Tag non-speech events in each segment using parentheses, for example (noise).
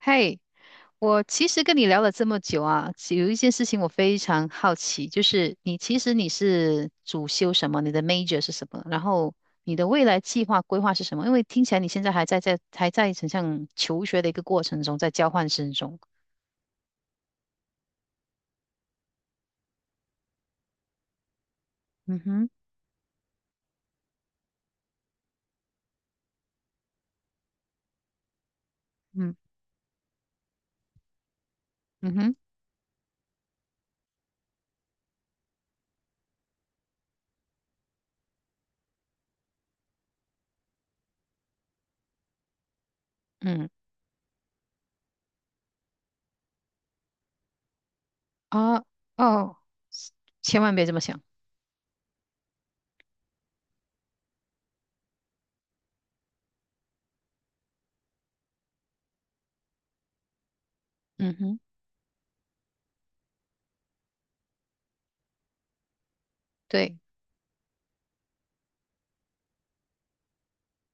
嘿，我其实跟你聊了这么久啊，有一件事情我非常好奇，就是你其实你是主修什么，你的 major 是什么，然后你的未来计划规划是什么？因为听起来你现在还在很像求学的一个过程中，在交换生中。嗯哼。嗯。嗯哼。嗯。啊。哦，千万别这么想。嗯哼。对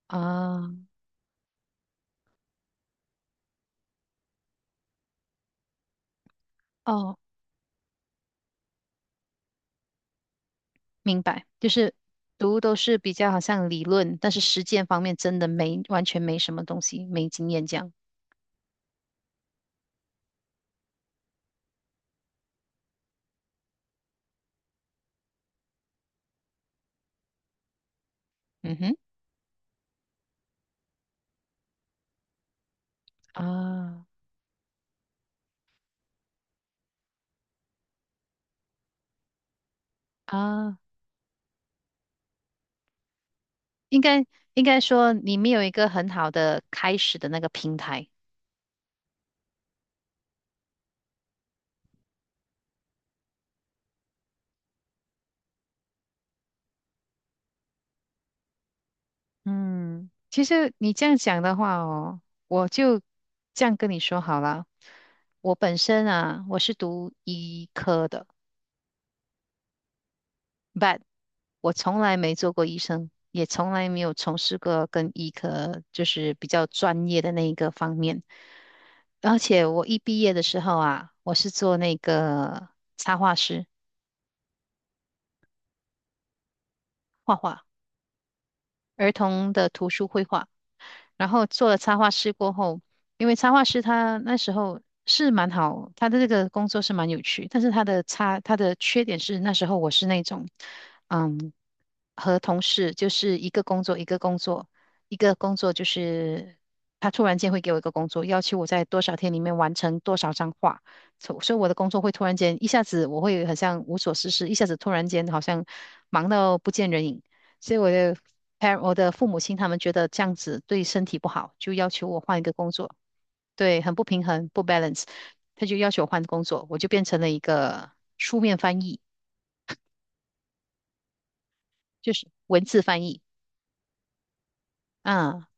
啊。哦，明白，就是读都是比较好像理论，但是实践方面真的没完全没什么东西，没经验这样。嗯哼。啊啊。应该应该说你没有一个很好的开始的那个平台。嗯，其实你这样讲的话哦，我就这样跟你说好了。我本身啊，我是读医科的，but 我从来没做过医生，也从来没有从事过跟医科就是比较专业的那一个方面。而且我一毕业的时候啊，我是做那个插画师，画画。儿童的图书绘画，然后做了插画师过后，因为插画师他那时候是蛮好，他的这个工作是蛮有趣，但是他的缺点是那时候我是那种，嗯，和同事就是一个工作一个工作一个工作，就是他突然间会给我一个工作，要求我在多少天里面完成多少张画，所以我的工作会突然间一下子我会很像无所事事，一下子突然间好像忙到不见人影。所以我的 parent,我的父母亲他们觉得这样子对身体不好，就要求我换一个工作，对，很不平衡，不 balance,他就要求我换工作，我就变成了一个书面翻译，就是文字翻译，啊，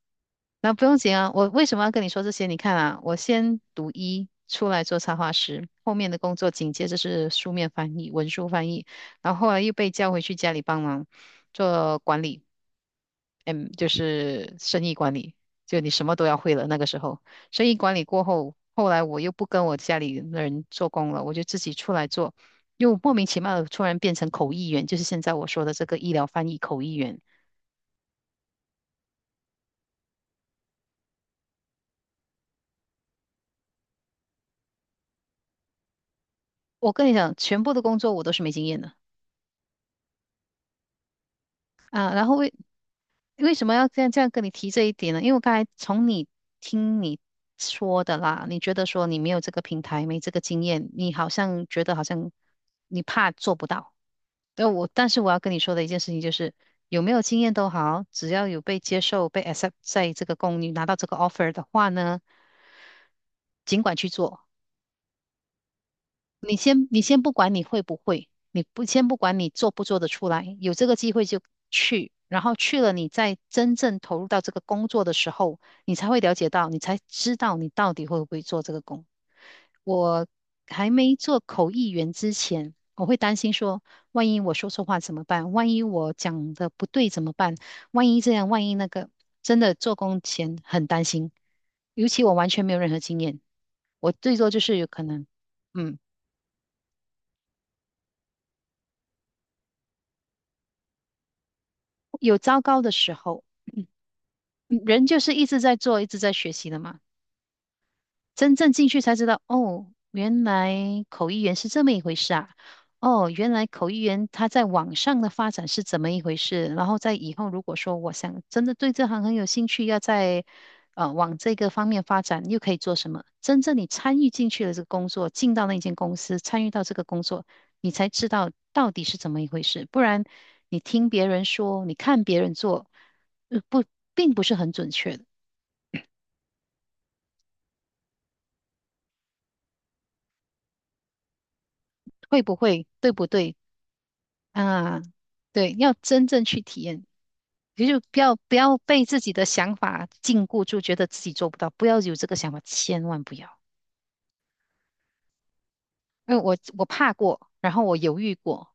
那不用紧啊，我为什么要跟你说这些？你看啊，我先读一出来做插画师，后面的工作紧接着是书面翻译、文书翻译，然后后来又被叫回去家里帮忙做管理。嗯，就是生意管理，就你什么都要会了。那个时候，生意管理过后，后来我又不跟我家里人做工了，我就自己出来做，又莫名其妙的突然变成口译员，就是现在我说的这个医疗翻译口译员。我跟你讲，全部的工作我都是没经验的啊。然后为什么要这样跟你提这一点呢？因为我刚才从你听你说的啦，你觉得说你没有这个平台，没这个经验，你好像觉得好像你怕做不到。那我，但是我要跟你说的一件事情就是，有没有经验都好，只要有被接受、被 accept 在这个公，你拿到这个 offer 的话呢，尽管去做。你先不管你会不会，你不管你做不做得出来，有这个机会就去，然后去了，你再真正投入到这个工作的时候，你才会了解到，你才知道你到底会不会做这个工。我还没做口译员之前，我会担心说，万一我说错话怎么办？万一我讲的不对怎么办？万一这样，万一那个，真的做工前很担心，尤其我完全没有任何经验，我最多就是有可能。嗯。有糟糕的时候，嗯人就是一直在做，一直在学习的嘛。真正进去才知道，哦，原来口译员是这么一回事啊！哦，原来口译员他在网上的发展是怎么一回事？然后在以后如果说我想真的对这行很有兴趣，要在往这个方面发展，又可以做什么？真正你参与进去了这个工作，进到那间公司，参与到这个工作，你才知道到底是怎么一回事。不然你听别人说，你看别人做，不，并不是很准确的。会不会，对不对？啊，对，要真正去体验，也就不要被自己的想法禁锢住，觉得自己做不到，不要有这个想法，千万不要。因为我怕过，然后我犹豫过，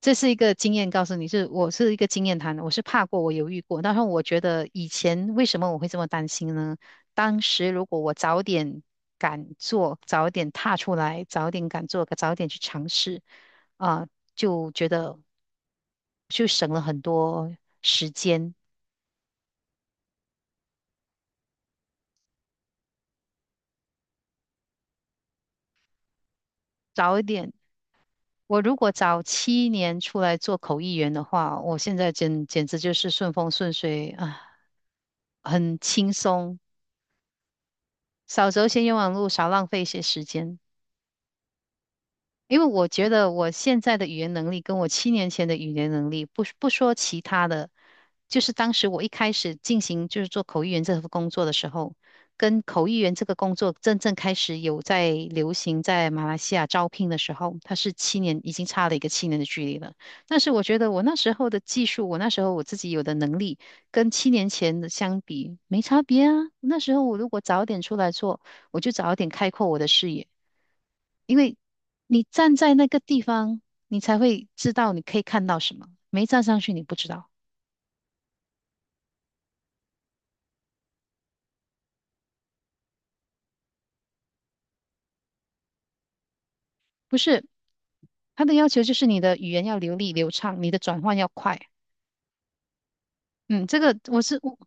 这是一个经验，告诉你是我是一个经验谈，我是怕过，我犹豫过，但是我觉得以前为什么我会这么担心呢？当时如果我早点敢做，早点踏出来，早点敢做，早点去尝试，啊、就觉得就省了很多时间。早一点，我如果早七年出来做口译员的话，我现在简直就是顺风顺水啊，很轻松，少走一些冤枉路，少浪费一些时间。因为我觉得我现在的语言能力跟我七年前的语言能力，不说其他的，就是当时我一开始进行就是做口译员这份工作的时候，跟口译员这个工作真正开始有在流行在马来西亚招聘的时候，它是七年，已经差了一个七年的距离了。但是我觉得我那时候的技术，我那时候我自己有的能力，跟七年前的相比没差别啊。那时候我如果早点出来做，我就早点开阔我的视野。因为你站在那个地方，你才会知道你可以看到什么。没站上去，你不知道。不是，他的要求就是你的语言要流利流畅，你的转换要快。嗯，这个我是我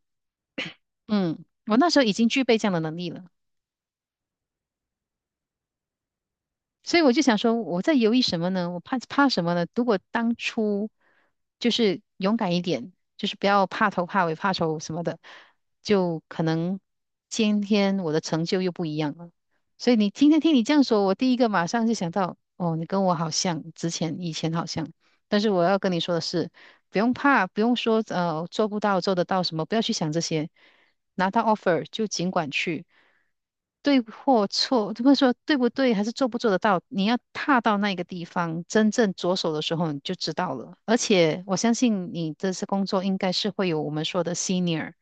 嗯，我那时候已经具备这样的能力了。所以我就想说，我在犹豫什么呢？我怕什么呢？如果当初就是勇敢一点，就是不要怕头怕尾怕丑什么的，就可能今天我的成就又不一样了。所以你今天听你这样说，我第一个马上就想到，哦，你跟我好像，之前以前好像。但是我要跟你说的是，不用怕，不用说做不到做得到什么，不要去想这些。拿到 offer 就尽管去，对或错，或者说对不对，还是做不做得到，你要踏到那个地方，真正着手的时候，你就知道了。而且我相信你这次工作应该是会有我们说的 senior,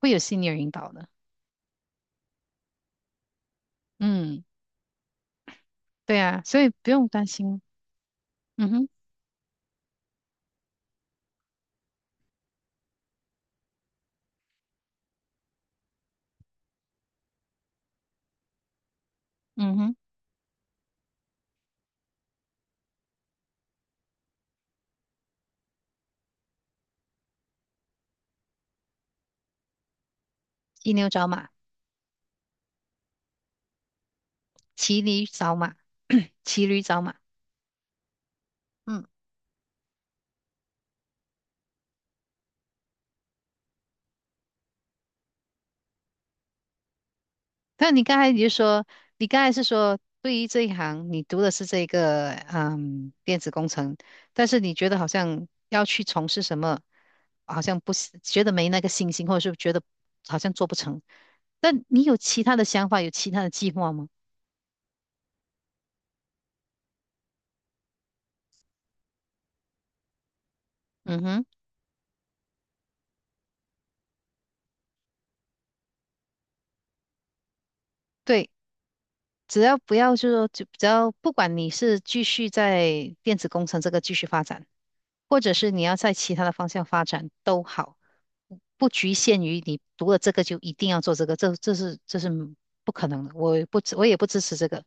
会有 senior 引导的。嗯，对啊，所以不用担心。嗯哼。嗯哼。骑牛找马，骑驴找马，(coughs) (clears throat) 骑驴找马。嗯。但你刚才你就说，你刚才是说，对于这一行，你读的是这个嗯电子工程，但是你觉得好像要去从事什么，好像不是觉得没那个信心，或者是觉得好像做不成。但你有其他的想法，有其他的计划吗？嗯哼。对，只要不要就是说，就只要不管你是继续在电子工程这个继续发展，或者是你要在其他的方向发展都好。不局限于你读了这个就一定要做这个，这是不可能的，我也不支持这个。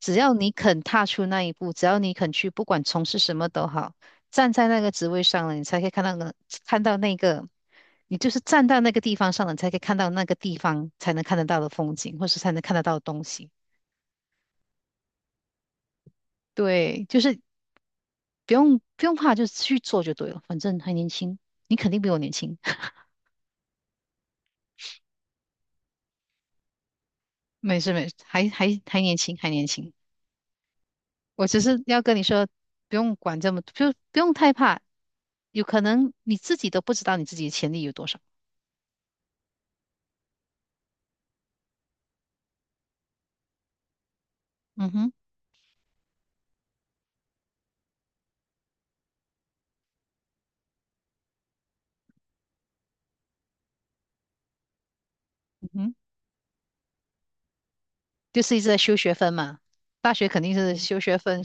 只要你肯踏出那一步，只要你肯去，不管从事什么都好，站在那个职位上了，你才可以看到那个，你就是站到那个地方上了，你才可以看到那个地方才能看得到的风景，或是才能看得到的东西。对，就是不用怕，就去做就对了，反正还年轻，你肯定比我年轻。(laughs) 没事没事，还年轻，还年轻。我只是要跟你说，不用管这么，就不用太怕，有可能你自己都不知道你自己的潜力有多少。嗯哼。嗯哼。就是一直在修学分嘛，大学肯定是修学分，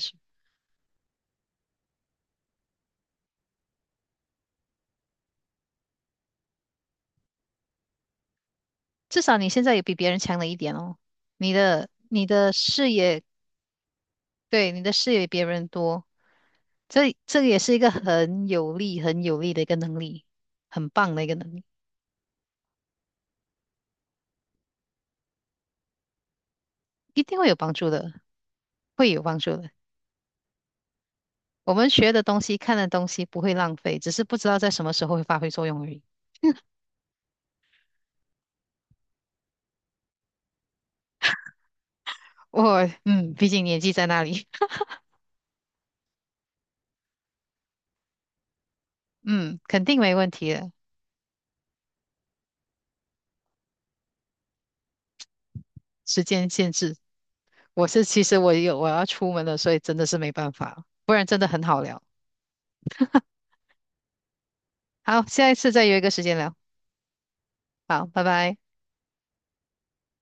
至少你现在也比别人强了一点哦。你的视野，对，你的视野比别人多，这个也是一个很有利、很有利的一个能力，很棒的一个能力，一定会有帮助的，会有帮助的。我们学的东西、看的东西不会浪费，只是不知道在什么时候会发挥作用而已。(laughs) 我嗯，毕竟年纪在那里，(laughs) 嗯，肯定没问题的。时间限制，我是其实我有我要出门了，所以真的是没办法，不然真的很好聊。好，下一次再约一个时间聊。好，拜拜。